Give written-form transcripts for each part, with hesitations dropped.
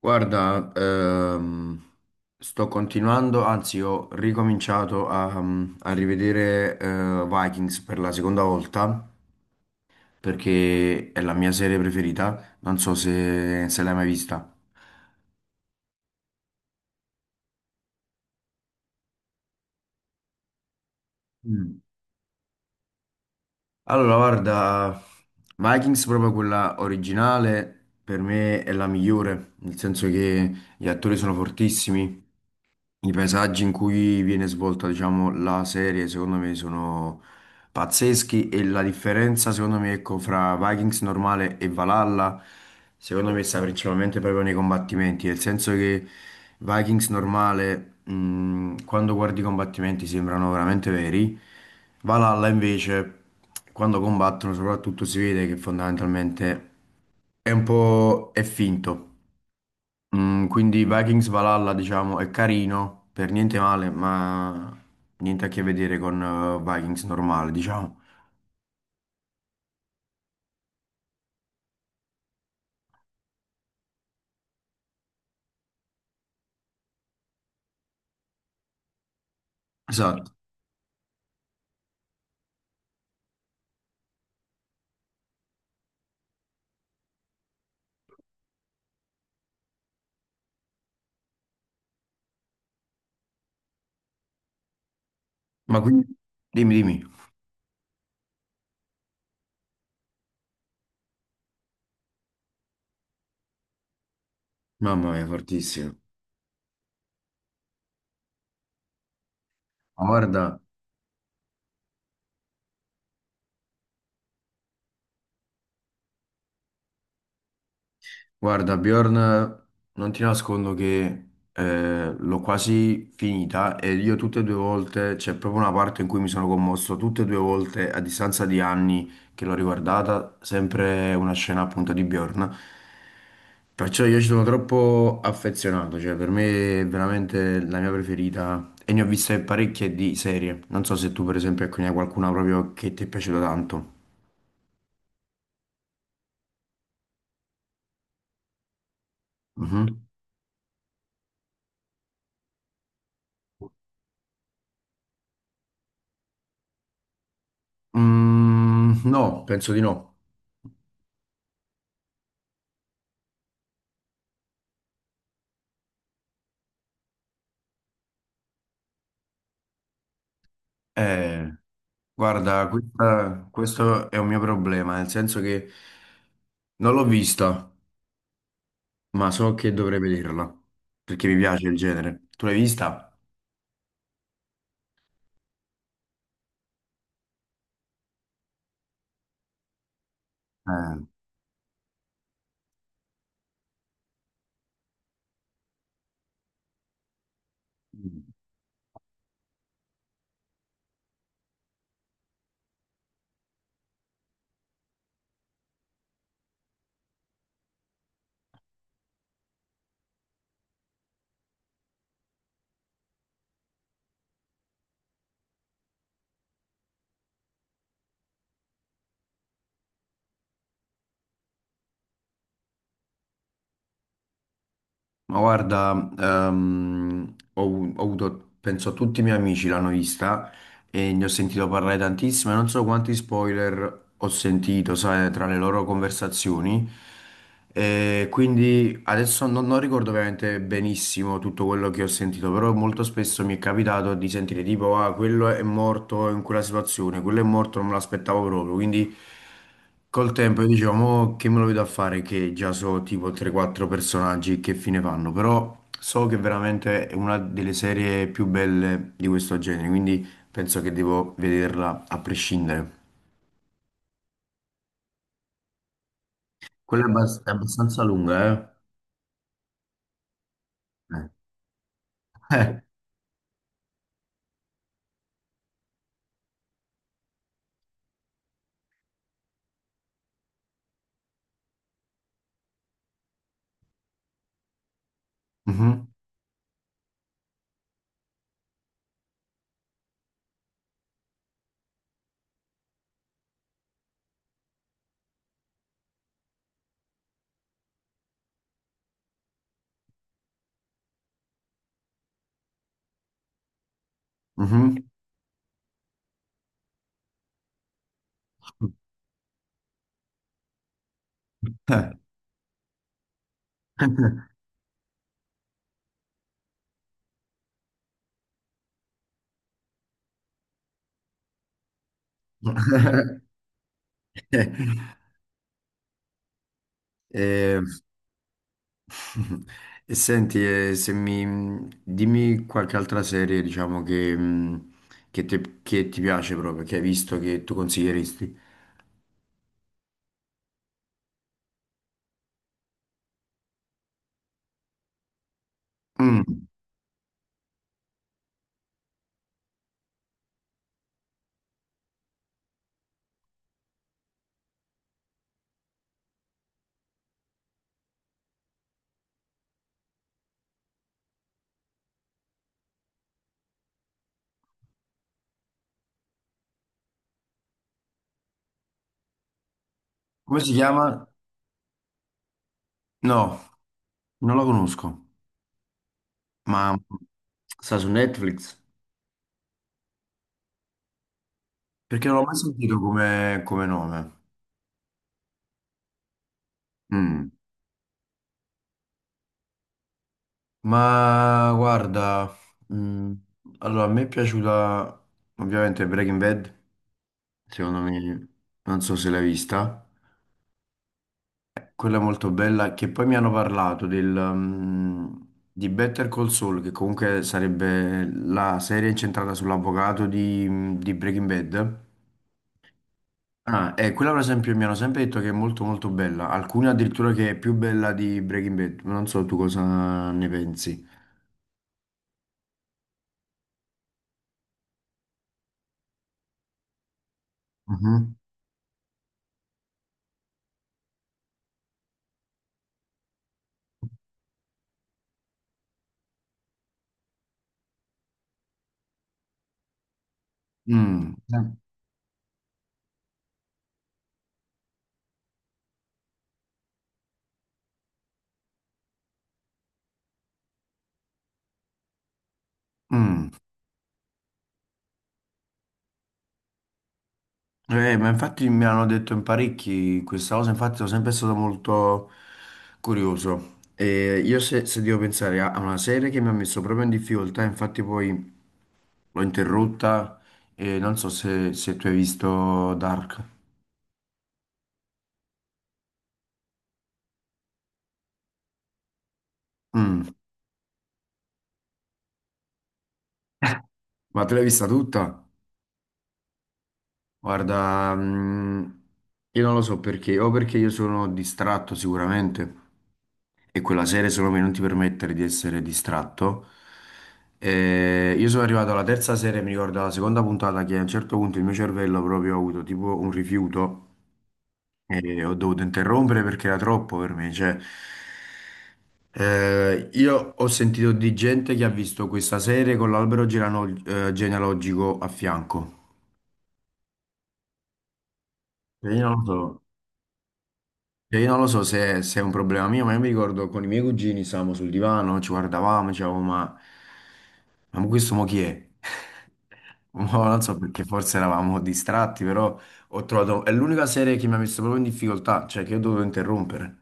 Guarda, sto continuando, anzi ho ricominciato a rivedere Vikings per la seconda volta perché è la mia serie preferita, non so se l'hai mai vista. Mm. Allora, guarda, Vikings proprio quella originale per me è la migliore, nel senso che gli attori sono fortissimi. I paesaggi in cui viene svolta, diciamo, la serie, secondo me, sono pazzeschi, e la differenza, secondo me, ecco, fra Vikings normale e Valhalla, secondo me, sta principalmente proprio nei combattimenti, nel senso che Vikings normale, quando guardi i combattimenti, sembrano veramente veri. Valhalla, invece, quando combattono, soprattutto si vede che fondamentalmente è un po' è finto. Mm, quindi Vikings Valhalla, diciamo, è carino, per niente male, ma niente a che vedere con Vikings normale, diciamo. Esatto. Ma quindi, dimmi, dimmi. Mamma mia, fortissimo. Ma guarda, Guarda, Bjorn, non ti nascondo che l'ho quasi finita e io tutte e due volte, c'è proprio una parte in cui mi sono commosso, tutte e due volte a distanza di anni che l'ho riguardata, sempre una scena appunto di Bjorn. Perciò io ci sono troppo affezionato, cioè per me è veramente la mia preferita e ne ho viste parecchie di serie. Non so se tu per esempio ecco, ne hai qualcuna proprio che ti è piaciuta tanto. Mhm. Mm, no, penso di no. Eh, guarda, questo è un mio problema, nel senso che non l'ho vista, ma so che dovrei vederla, perché mi piace il genere. Tu l'hai vista? Eh, Ma guarda, ehm, ho, ho avuto, penso tutti i miei amici l'hanno vista, e ne ho sentito parlare tantissimo e non so quanti spoiler ho sentito, sai, tra le loro conversazioni. E quindi adesso non ricordo veramente benissimo tutto quello che ho sentito, però molto spesso mi è capitato di sentire tipo, ah, quello è morto in quella situazione, quello è morto, non me l'aspettavo proprio. Quindi col tempo io dicevo, mo che me lo vedo a fare che già so tipo 3-4 personaggi che fine fanno, però so che veramente è una delle serie più belle di questo genere, quindi penso che devo vederla a prescindere. Quella è, è abbastanza lunga, eh? Eh. Eh. Mhm. Mhm. Eh. Eh, e senti, se mi, dimmi qualche altra serie, diciamo, che, che ti piace proprio, che hai visto, che tu consiglieresti. Mm. Come si chiama? No, non la conosco, ma sta su Netflix? Perché non l'ho mai sentito come, come nome. Mm. Ma guarda, mm, allora a me è piaciuta ovviamente Breaking Bad, secondo me, non so se l'hai vista, quella è molto bella, che poi mi hanno parlato di Better Call Saul, che comunque sarebbe la serie incentrata sull'avvocato di Breaking Bad. Ah, e quella per esempio mi hanno sempre detto che è molto molto bella, alcune addirittura che è più bella di Breaking Bad, non so tu cosa ne pensi. Mhm. Mm. Mm. Ma infatti mi hanno detto in parecchi questa cosa, infatti sono sempre stato molto curioso. E io se devo pensare a una serie che mi ha messo proprio in difficoltà, infatti poi l'ho interrotta e non so se tu hai visto Dark. Mm. Ma te l'hai vista tutta? Guarda, mm, io non lo so perché, o perché io sono distratto sicuramente. E quella serie secondo me non ti permettere di essere distratto. Io sono arrivato alla terza serie, mi ricordo la seconda puntata, che a un certo punto il mio cervello proprio ha avuto tipo un rifiuto e ho dovuto interrompere perché era troppo per me. Cioè, io ho sentito di gente che ha visto questa serie con l'albero genealogico a fianco. E io non lo so. E io non lo so se è un problema mio, ma io mi ricordo con i miei cugini stavamo sul divano, ci guardavamo, dicevamo, ma questo mo chi è? Mo non so perché forse eravamo distratti, però ho trovato... È l'unica serie che mi ha messo proprio in difficoltà, cioè che ho dovuto interrompere.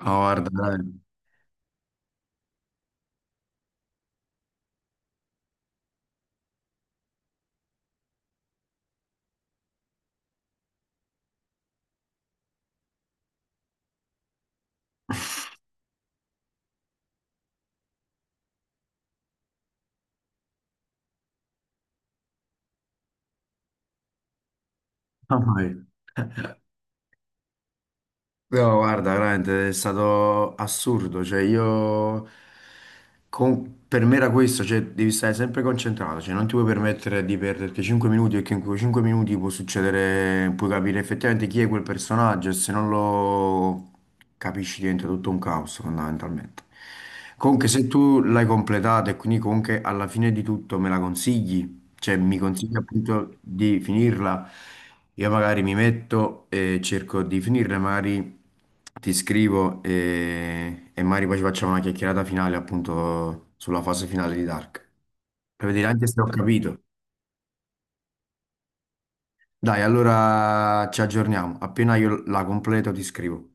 Oh, guarda, dai. Mamma mia. No, guarda, veramente è stato assurdo, cioè io, per me era questo, cioè devi stare sempre concentrato, cioè non ti puoi permettere di perderti 5 minuti perché in quei 5 minuti può succedere, puoi capire effettivamente chi è quel personaggio e se non lo capisci diventa tutto un caos fondamentalmente. Comunque se tu l'hai completato e quindi comunque alla fine di tutto me la consigli, cioè mi consiglia appunto di finirla, io magari mi metto e cerco di finirla, magari ti scrivo e magari poi ci facciamo una chiacchierata finale appunto sulla fase finale di Dark, per vedere anche se ho capito. Dai, allora ci aggiorniamo, appena io la completo ti scrivo.